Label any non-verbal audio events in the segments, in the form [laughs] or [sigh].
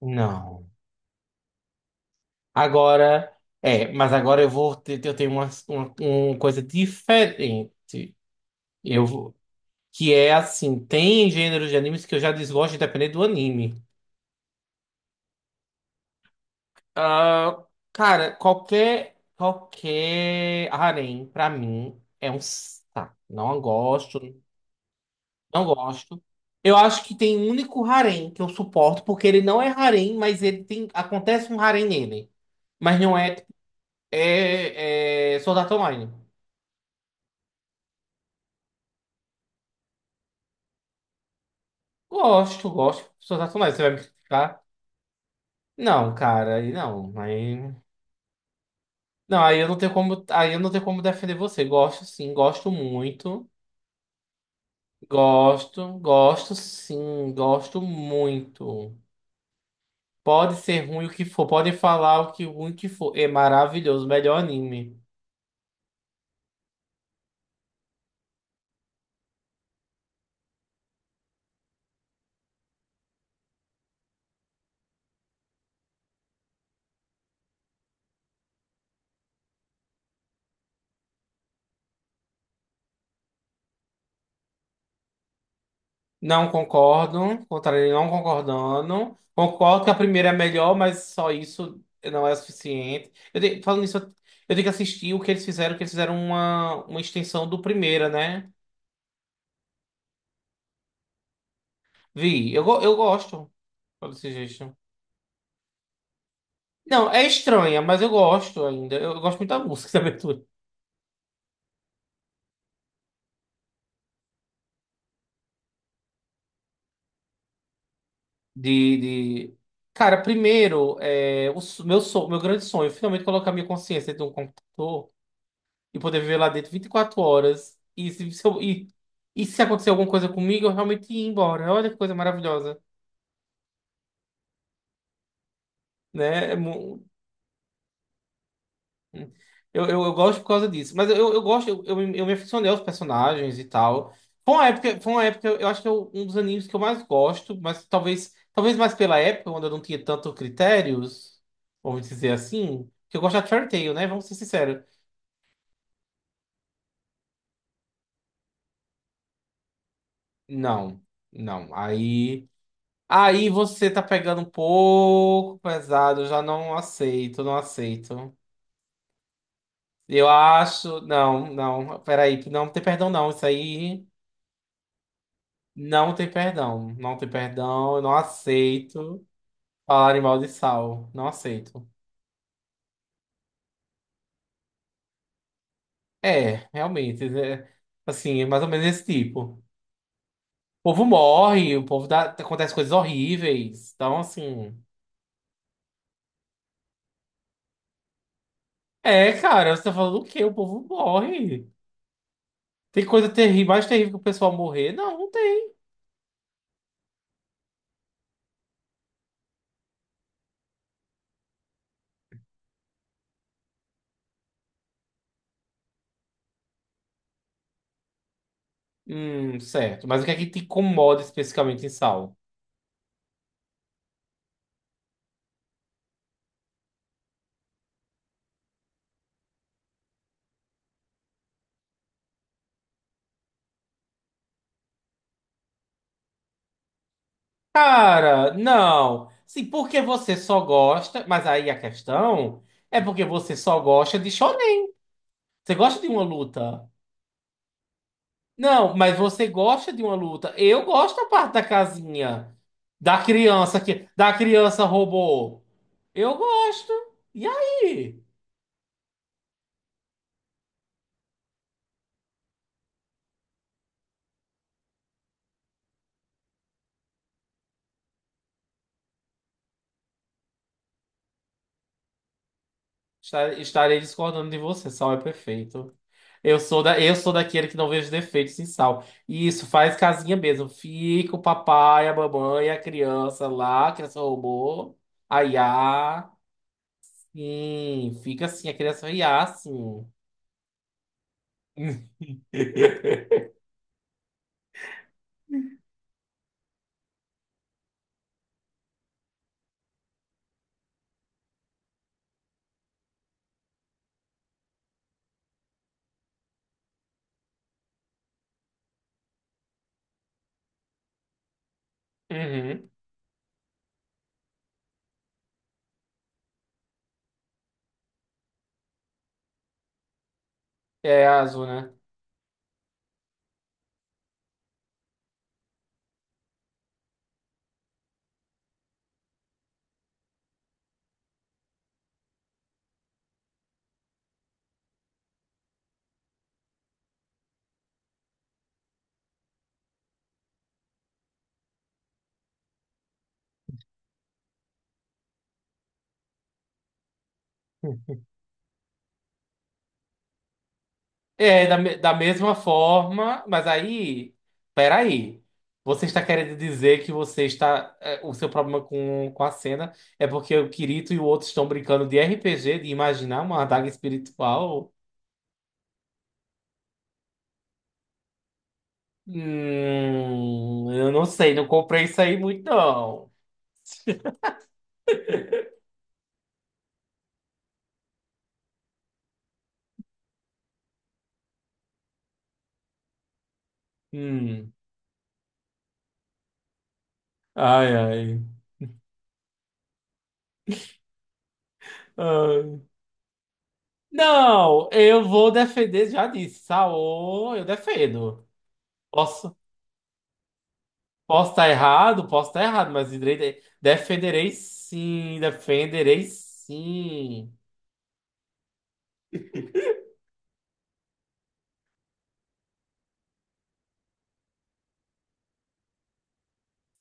Não. Agora, mas agora eu tenho uma coisa diferente. Eu vou- que é assim, tem gêneros de animes que eu já desgosto independente do anime. Ah, cara, qualquer harém pra mim é um saco. Não gosto, não gosto. Eu acho que tem um único harém que eu suporto porque ele não é harém, mas ele tem acontece um harém nele. Mas não é É, é Sword Art Online. Gosto, gosto de pessoas racionais. Você vai me criticar? Não, cara, aí não. Aí... Não, aí eu não tenho como defender você. Gosto sim, gosto muito. Gosto, gosto sim, gosto muito. Pode ser ruim o que for, pode falar o que ruim que for. É maravilhoso, melhor anime. Não concordo, contrário, não concordando. Concordo que a primeira é melhor, mas só isso não é suficiente. Falando nisso, eu tenho que assistir o que eles fizeram uma extensão do primeira, né? Vi, eu gosto desse jeito. Não, é estranha, mas eu gosto ainda. Eu gosto muito da música [laughs] da abertura. De, de... Cara, primeiro, o meu, meu grande sonho, é finalmente colocar minha consciência dentro de um computador e poder viver lá dentro 24 horas. E se acontecer alguma coisa comigo, eu realmente ir embora. Olha que coisa maravilhosa, né? Eu gosto por causa disso. Mas eu gosto, eu me aficionei aos personagens e tal. Foi uma época, eu acho que é um dos animes que eu mais gosto, mas talvez mais pela época, quando eu não tinha tanto critérios, vamos dizer assim, que eu gosto de Fairy Tail, né? Vamos ser sinceros. Não, não. Aí. Aí você tá pegando um pouco pesado, eu já não aceito, não aceito. Eu acho. Não, não, peraí, não tem perdão, não. Isso aí não tem perdão. Não tem perdão, eu não aceito falar em mal de sal. Não aceito. É, realmente, é, assim, é mais ou menos esse tipo. O povo morre, o povo dá, acontece coisas horríveis. Então, assim. É, cara, você tá falando o quê? O povo morre. Tem coisa terrível, mais terrível que o pessoal morrer? Não, não tem. Certo. Mas o que é que te incomoda especificamente em Saulo? Cara, não. Sim, porque você só gosta. Mas aí a questão é porque você só gosta de shonen. Você gosta de uma luta. Não, mas você gosta de uma luta. Eu gosto da parte da casinha. Da criança que. Da criança robô. Eu gosto. E aí? Estarei discordando de você. Sal é perfeito. Eu sou eu sou daquele que não vejo defeitos em Sal. E isso faz casinha mesmo. Fica o papai, a mamãe, a criança lá, a criança robô. A Iá. Sim, fica assim, a criança Iá, sim. [laughs] Uhum. É azul, né? Da mesma forma, mas aí, peraí. Você está querendo dizer que você está. É, o seu problema com a cena é porque o Kirito e o outro estão brincando de RPG, de imaginar uma adaga espiritual? Eu não sei, não comprei isso aí muito, não. Hum. Ai, ai. Ai. Não, eu vou defender, já disse, Saô, eu defendo. Posso, posso estar errado, mas defenderei sim, defenderei sim.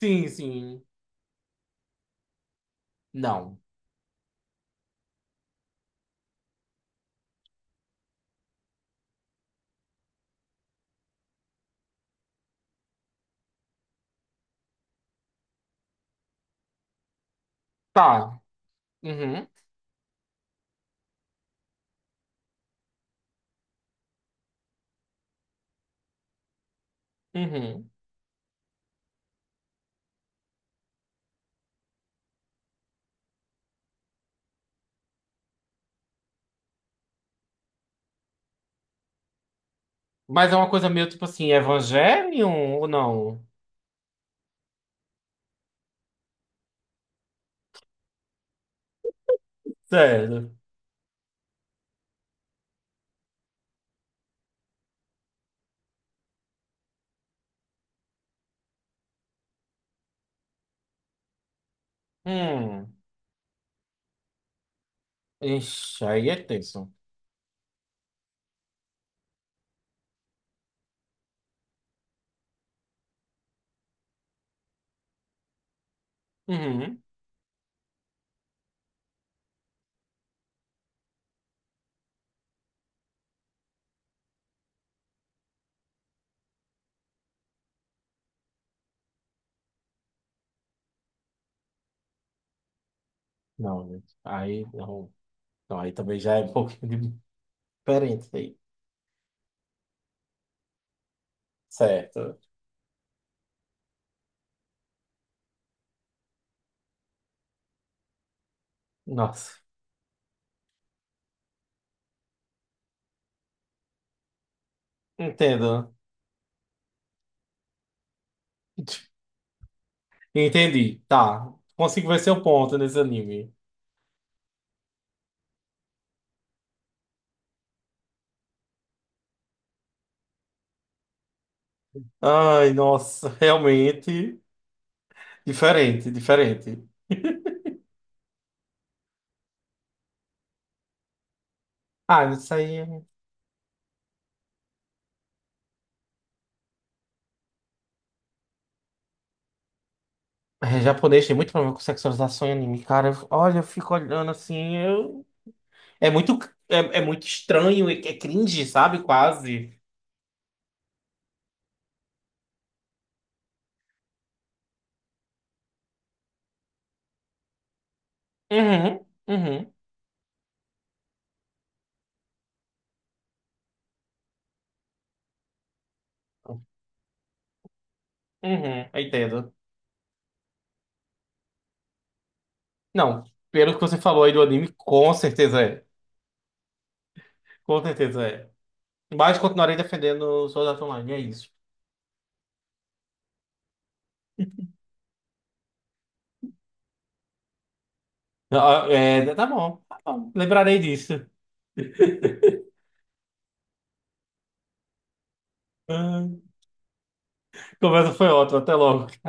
Sim, sim. Não. Tá. Uhum, uhum. Mas é uma coisa meio tipo assim, Evangelion ou não? Sério. Hum. Ixi, aí é tenso. Uhum. Não, gente, aí não. Não, aí também já é um pouquinho diferente aí. Certo. Nossa. Entendo. [laughs] Entendi. Tá. Consigo ver seu ponto nesse anime. Ai, nossa, [laughs] realmente diferente, diferente. Ah, isso aí é japonês, tem muito problema com sexualização em anime, cara. Olha, eu fico olhando assim, eu... É muito, é muito estranho, é cringe, sabe? Quase. Uhum, uhum, uhum, eu entendo. Não, pelo que você falou aí do anime, com certeza é. Com certeza é. Mas continuarei defendendo o Sword Art Online, é isso. Ah, é, tá bom, lembrarei disso. Ah, conversa foi ótima, até logo.